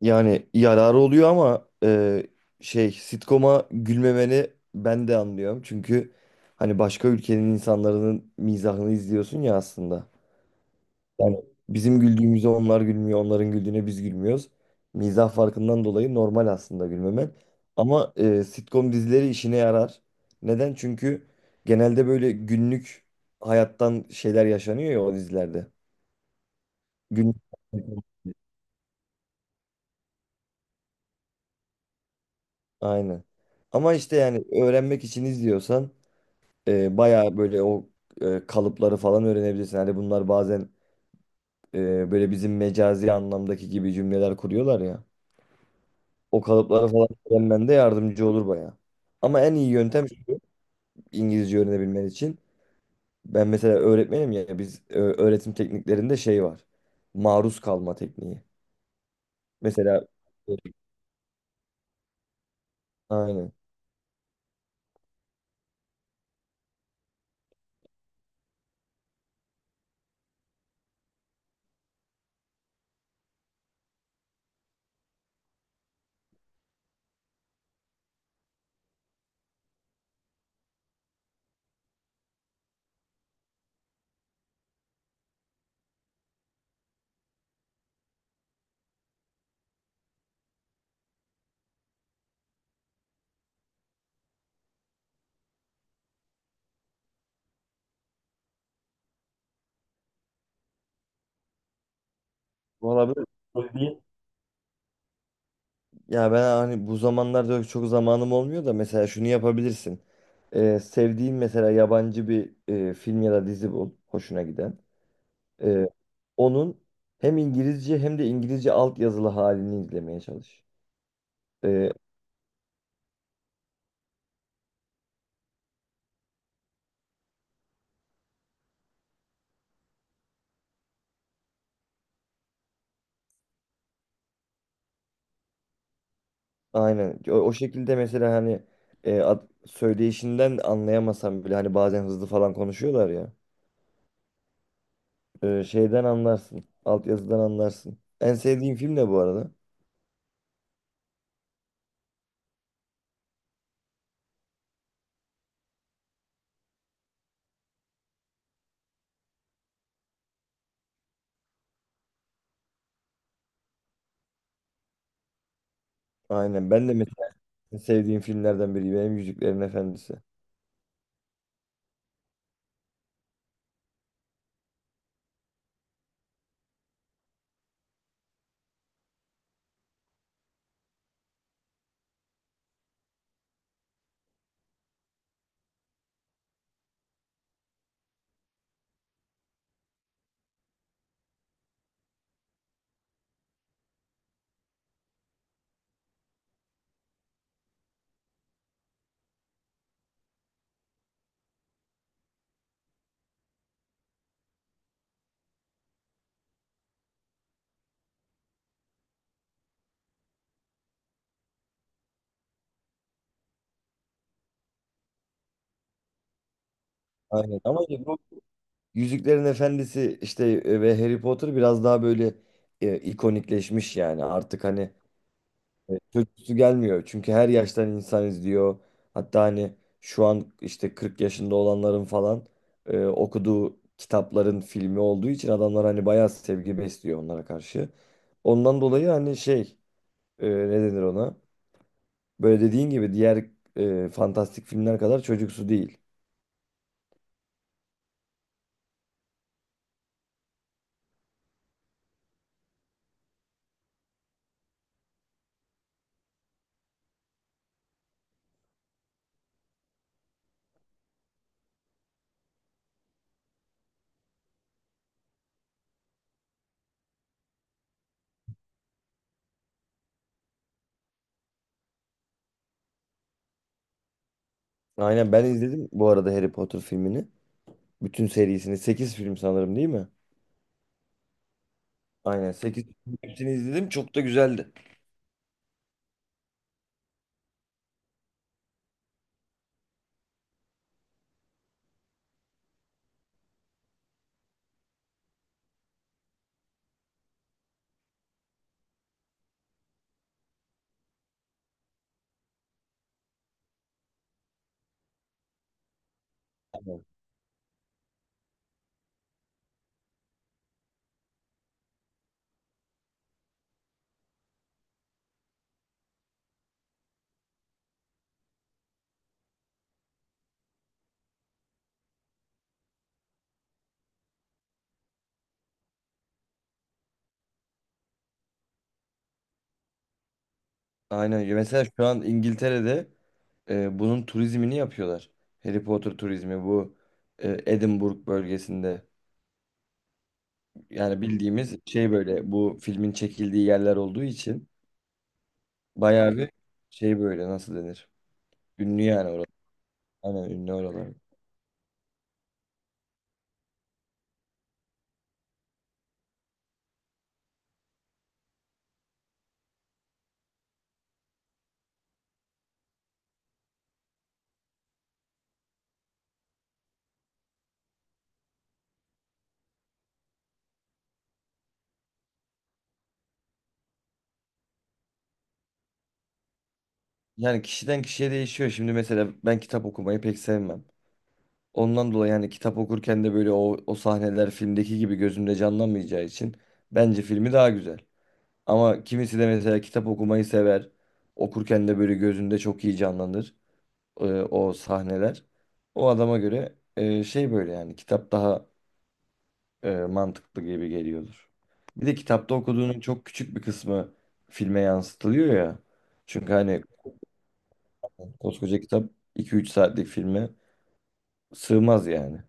Yani yararı oluyor ama sitcom'a gülmemeni ben de anlıyorum. Çünkü hani başka ülkenin insanların mizahını izliyorsun ya aslında. Yani bizim güldüğümüze onlar gülmüyor, onların güldüğüne biz gülmüyoruz. Mizah farkından dolayı normal aslında gülmemen. Ama sitcom dizileri işine yarar. Neden? Çünkü genelde böyle günlük hayattan şeyler yaşanıyor ya o dizilerde. Günlük. Aynen. Ama işte yani öğrenmek için izliyorsan bayağı böyle kalıpları falan öğrenebilirsin. Hani bunlar bazen böyle bizim mecazi anlamdaki gibi cümleler kuruyorlar ya. O kalıpları falan öğrenmen de yardımcı olur bayağı. Ama en iyi yöntem şu İngilizce öğrenebilmen için. Ben mesela öğretmenim ya biz öğretim tekniklerinde şey var. Maruz kalma tekniği. Mesela aynen. Olabilir. Ya ben hani bu zamanlarda çok zamanım olmuyor da mesela şunu yapabilirsin. Sevdiğin mesela yabancı bir film ya da dizi bul hoşuna giden. Ee, Onun hem İngilizce hem de İngilizce altyazılı halini izlemeye çalış. Ee, aynen o şekilde mesela hani söyleyişinden anlayamasam bile hani bazen hızlı falan konuşuyorlar ya. Şeyden anlarsın. Altyazıdan anlarsın. En sevdiğim film ne bu arada? Aynen ben de mesela en sevdiğim filmlerden biri benim Yüzüklerin Efendisi. Aynen. Ama işte bu Yüzüklerin Efendisi işte ve Harry Potter biraz daha böyle ikonikleşmiş yani. Artık hani çocuksu gelmiyor. Çünkü her yaştan insan izliyor. Hatta hani şu an işte 40 yaşında olanların falan okuduğu kitapların filmi olduğu için adamlar hani bayağı sevgi besliyor onlara karşı. Ondan dolayı hani ne denir ona? Böyle dediğin gibi diğer fantastik filmler kadar çocuksu değil. Aynen ben izledim bu arada Harry Potter filmini. Bütün serisini. 8 film sanırım değil mi? Aynen 8 film hepsini izledim. Çok da güzeldi. Aynen. Aynen. Mesela şu an İngiltere'de bunun turizmini yapıyorlar. Harry Potter turizmi bu Edinburgh bölgesinde. Yani bildiğimiz şey böyle bu filmin çekildiği yerler olduğu için bayağı bir şey böyle nasıl denir? Ünlü yani oralar. Aynen ünlü oralar. Yani kişiden kişiye değişiyor. Şimdi mesela ben kitap okumayı pek sevmem. Ondan dolayı yani kitap okurken de böyle o sahneler filmdeki gibi gözümde canlanmayacağı için bence filmi daha güzel. Ama kimisi de mesela kitap okumayı sever. Okurken de böyle gözünde çok iyi canlanır o sahneler. O adama göre böyle yani kitap daha mantıklı gibi geliyordur. Bir de kitapta okuduğunun çok küçük bir kısmı filme yansıtılıyor ya. Çünkü hani koskoca kitap 2 3 saatlik filme sığmaz yani.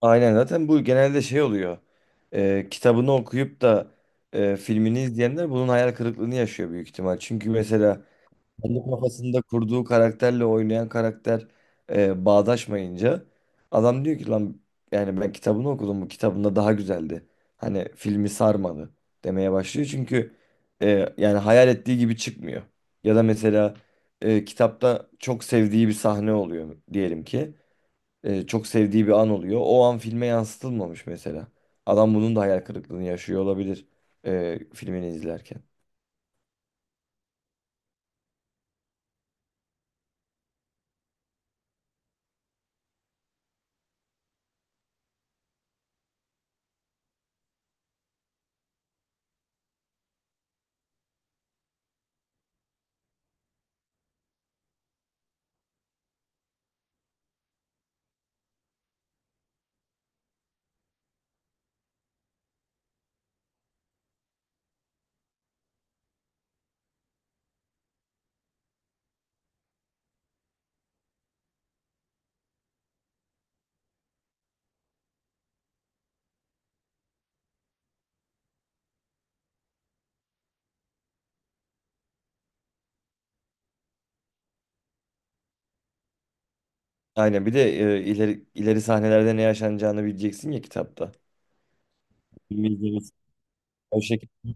Aynen zaten bu genelde şey oluyor. Kitabını okuyup da filmini izleyenler bunun hayal kırıklığını yaşıyor büyük ihtimal. Çünkü mesela kendi kafasında kurduğu karakterle oynayan karakter bağdaşmayınca adam diyor ki lan yani ben kitabını okudum bu kitabında daha güzeldi. Hani filmi sarmadı demeye başlıyor çünkü yani hayal ettiği gibi çıkmıyor. Ya da mesela kitapta çok sevdiği bir sahne oluyor diyelim ki. E, çok sevdiği bir an oluyor. O an filme yansıtılmamış mesela. Adam bunun da hayal kırıklığını yaşıyor olabilir filmini izlerken. Aynen bir de ileri sahnelerde ne yaşanacağını bileceksin ya kitapta. İzleriz. O şekilde.